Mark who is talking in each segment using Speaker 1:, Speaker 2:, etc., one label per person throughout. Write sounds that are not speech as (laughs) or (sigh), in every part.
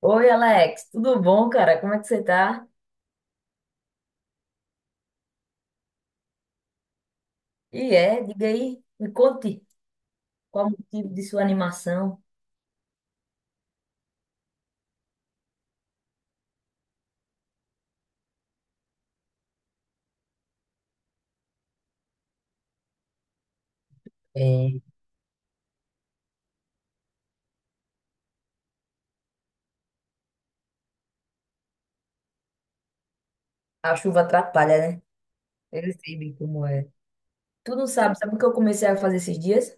Speaker 1: Oi, Alex, tudo bom, cara? Como é que você tá? E, diga aí, me conte qual o motivo de sua animação. É, a chuva atrapalha, né? Eu sei bem como é. Tu não sabe, sabe o que eu comecei a fazer esses dias?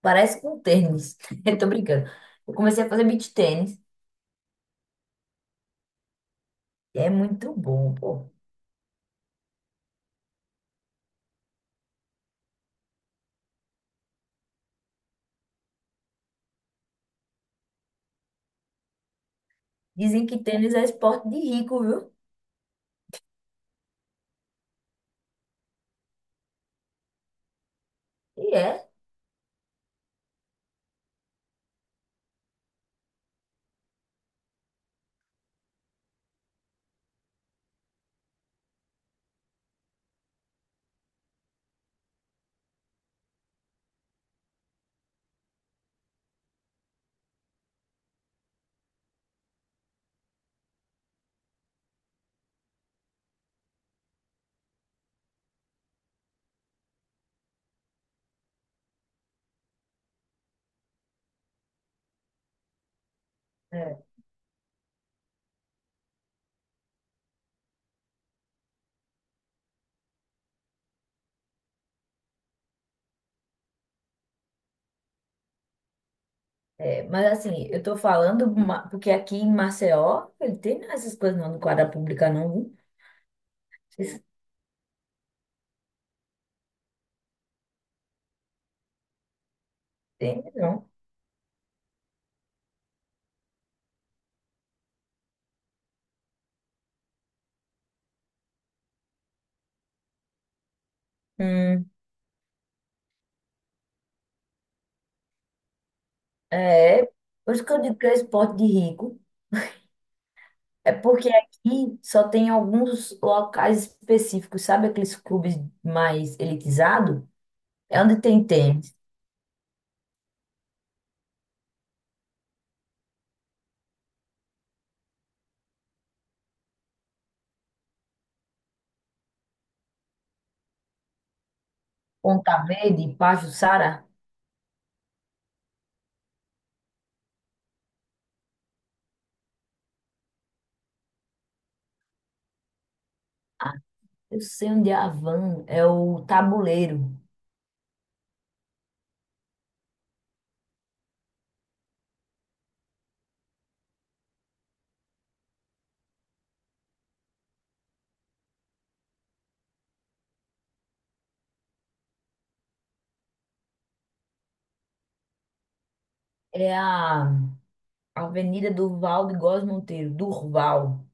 Speaker 1: Parece com tênis. (laughs) Eu tô brincando. Eu comecei a fazer beach tênis. E é muito bom, pô. Dizem que tênis é esporte de rico, viu? E é. É, mas assim, eu tô falando porque aqui em Maceió, ele tem essas coisas não no quadra pública, não, viu? Tem, não. Hum. É, por isso que eu digo que é esporte de rico. É porque aqui só tem alguns locais específicos, sabe aqueles clubes mais elitizados? É onde tem tênis. Ponta Verde, Pajuçara. Eu sei onde é a van, é o Tabuleiro. É a Avenida Durval de Góes Monteiro, Durval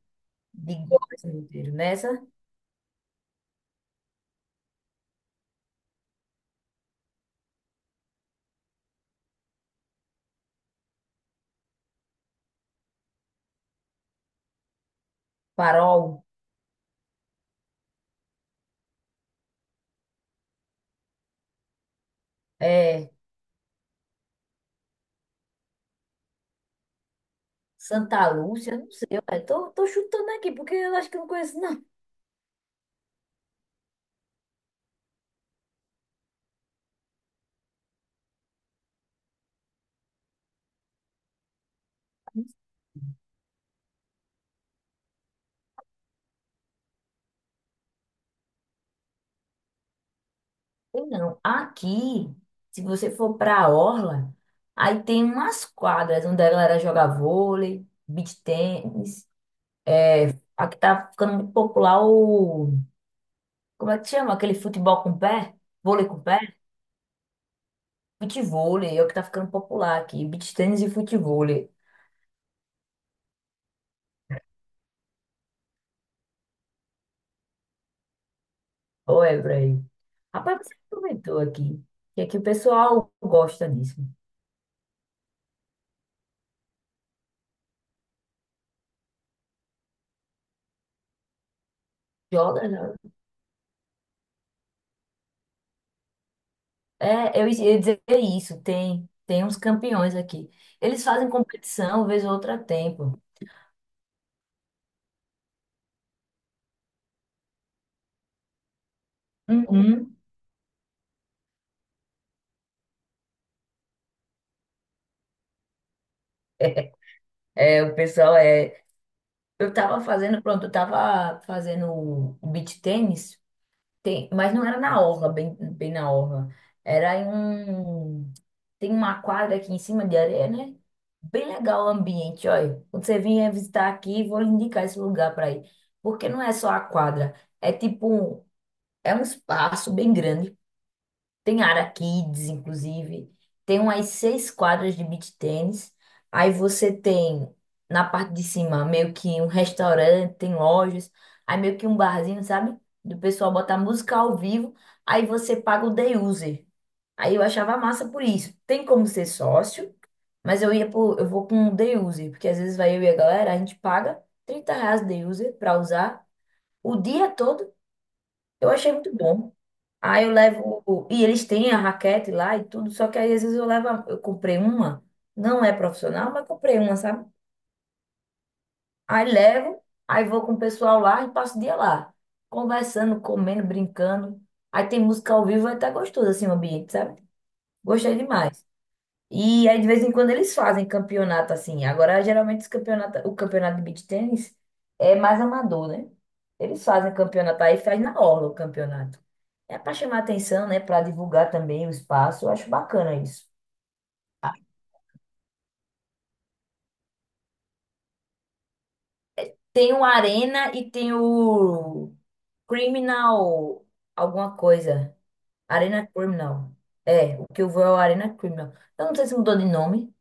Speaker 1: de Góes Monteiro. Nessa, Farol, é Santa Lúcia, não sei, tô chutando aqui porque eu acho que eu não conheço não. Tem não, aqui, se você for para a orla, aí tem umas quadras onde a galera joga vôlei, beach tênis. Aqui tá ficando muito popular como é que chama? Aquele futebol com pé? Vôlei com pé? Futevôlei, é o que tá ficando popular aqui, beach tênis e futevôlei. Olha, Bray. Rapaz, você aproveitou aqui, que aqui o pessoal gosta disso. Joga, joga. É, eu ia dizer isso, tem uns campeões aqui. Eles fazem competição, vez ou outra tempo. Uhum. (laughs) É, o pessoal é. Eu tava fazendo o beach tênis, tem, mas não era na orla, bem na orla. Era em um. Tem uma quadra aqui em cima de areia, né? Bem legal o ambiente, olha. Quando você vier visitar aqui, vou lhe indicar esse lugar para ir. Porque não é só a quadra, é tipo. É um espaço bem grande. Tem área kids, inclusive. Tem umas seis quadras de beach tênis. Aí você tem na parte de cima meio que um restaurante, tem lojas, aí meio que um barzinho, sabe? Do pessoal botar música ao vivo. Aí você paga o day user. Aí eu achava massa por isso. Tem como ser sócio, mas eu vou com o day user, porque às vezes vai eu e a galera, a gente paga 30 reais day user pra usar o dia todo, eu achei muito bom. Aí eu levo. E eles têm a raquete lá e tudo, só que aí às vezes eu levo. Eu comprei uma, não é profissional, mas comprei uma, sabe? Aí levo, aí vou com o pessoal lá e passo o dia lá, conversando, comendo, brincando. Aí tem música ao vivo, é até gostoso assim o ambiente, sabe? Gostei demais. E aí, de vez em quando, eles fazem campeonato assim. Agora, geralmente, o campeonato de beach tênis é mais amador, né? Eles fazem campeonato aí, faz na orla o campeonato. É para chamar atenção, né? Para divulgar também o espaço. Eu acho bacana isso. Tem o Arena e tem o Criminal alguma coisa. Arena Criminal. É, o que eu vou é o Arena Criminal. Eu não sei se mudou de nome.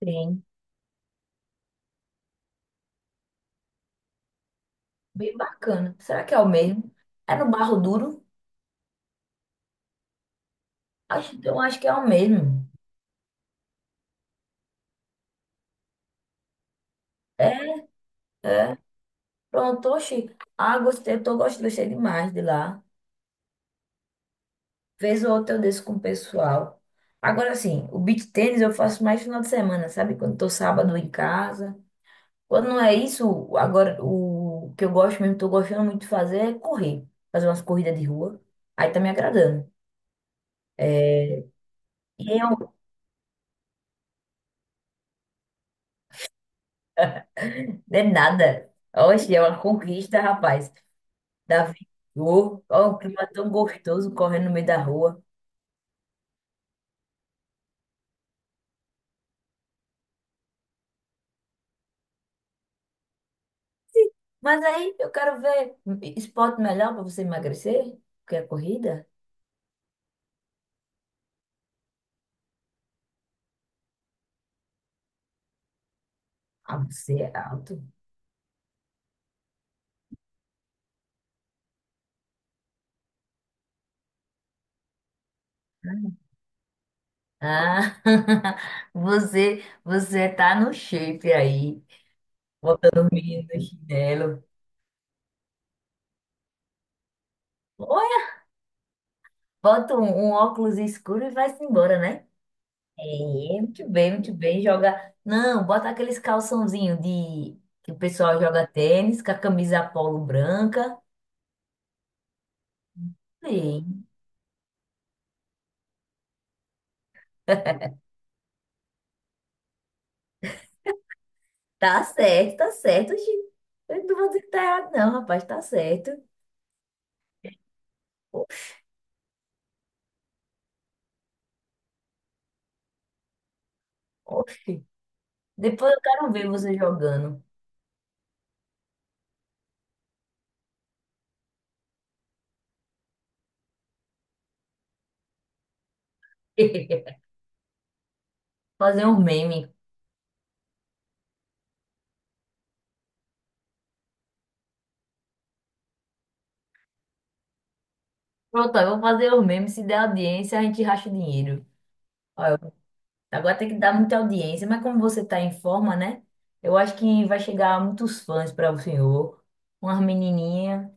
Speaker 1: Tem. Bem bacana. Será que é o mesmo? É no Barro Duro? Acho, eu acho que é o mesmo. É, é. Pronto, oxi. Ah, gostei, tô gostando, gostei demais de lá. Vez ou outra eu desço com o pessoal. Agora sim, o beach tênis eu faço mais final de semana, sabe? Quando tô sábado em casa. Quando não é isso, agora o que eu gosto mesmo, tô gostando muito de fazer é correr. Fazer umas corridas de rua. Aí tá me agradando. E eu, (laughs) não é nada. Oxi, é uma conquista, rapaz. Davi, ô, ó, o clima tão gostoso correndo no meio da rua. Mas aí eu quero ver esporte melhor para você emagrecer, porque a corrida. Ah, você é alto. Ah, (laughs) você tá no shape aí, botando o menino no chinelo. Olha, um óculos escuro e vai-se embora, né? É, muito bem, muito bem. Joga. Não, bota aqueles calçãozinho de que o pessoal joga tênis, com a camisa polo branca. Sim, tá certo, tá certo. Oxi, eu não vou dizer que tá errado, não, rapaz, tá certo. Oxi. Depois eu quero ver você jogando. (laughs) Fazer um meme. Pronto, eu vou fazer um meme. Se der audiência, a gente racha o dinheiro. Olha, agora tem que dar muita audiência, mas como você tá em forma, né? Eu acho que vai chegar muitos fãs para o senhor. Umas menininhas.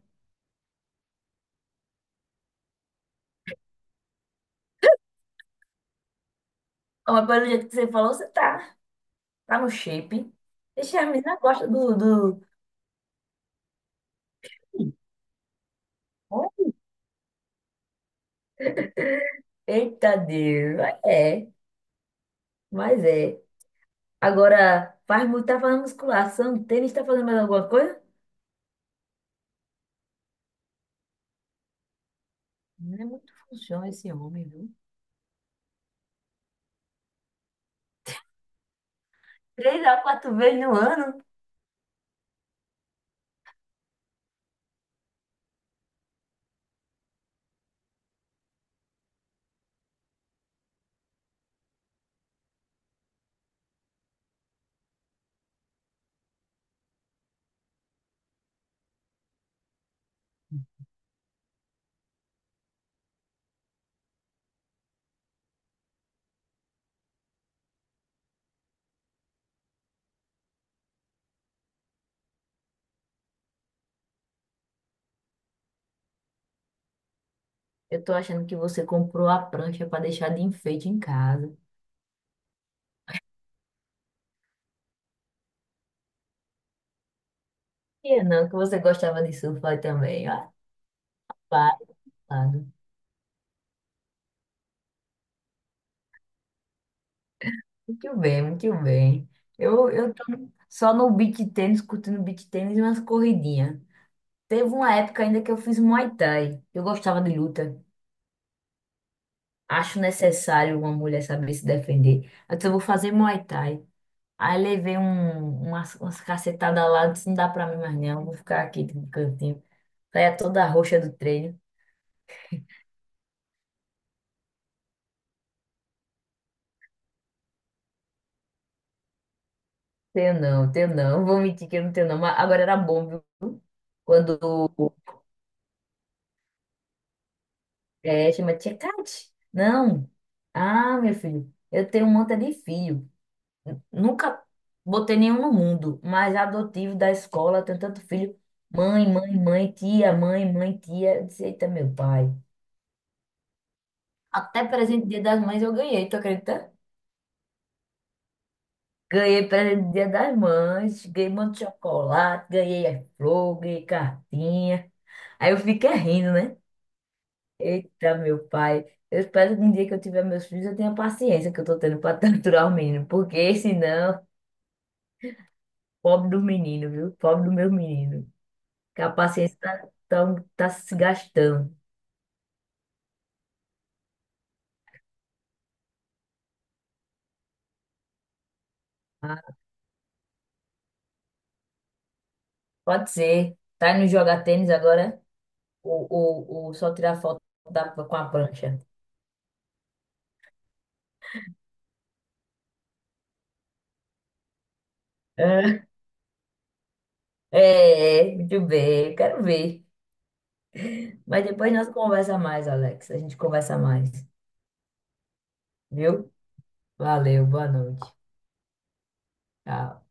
Speaker 1: Ó, mas pelo jeito que você falou, tá no shape. Deixa a menina gosta do, do... Eita Deus. É, mas é. Agora, faz muito, tá fazendo musculação. Tênis, tá fazendo mais alguma coisa? Não é muito função esse homem, viu? Três a quatro vezes no ano? Eu tô achando que você comprou a prancha para deixar de enfeite em casa. E é não, que você gostava de surfar também. Ah, pá, mano. Muito bem, muito bem. Eu tô só no beach tênis, curtindo beach tênis e umas corridinhas. Teve uma época ainda que eu fiz Muay Thai. Eu gostava de luta. Acho necessário uma mulher saber se defender. Então eu vou fazer Muay Thai. Aí levei umas cacetadas lá, disse, não dá pra mim mais não, vou ficar aqui no cantinho. Saia toda roxa do treino. Tenho não, vou mentir que eu não tenho não, mas agora era bom, viu? Quando é, chama tia Cate. Não. Ah, meu filho, eu tenho um monte de filho. Nunca botei nenhum no mundo, mas adotivo da escola, tenho tanto filho. Mãe, mãe, mãe, tia, mãe, mãe, tia. Eu disse, eita, meu pai. Até presente Dia das Mães eu ganhei, tu acredita? Ganhei presente do Dia das Mães, ganhei um monte de chocolate, ganhei flor, ganhei cartinha. Aí eu fiquei rindo, né? Eita, meu pai. Eu espero que um dia que eu tiver meus filhos, eu tenha a paciência que eu tô tendo pra (laughs) torturar o menino. Porque senão, pobre do menino, viu? Pobre do meu menino. Que a paciência tá se gastando. Ah, pode ser. Tá indo jogar tênis agora? Ou só tirar foto da, com a prancha? É, é, muito bem. Quero ver. Mas depois nós conversa mais, Alex. A gente conversa mais, viu? Valeu, boa noite. Tchau.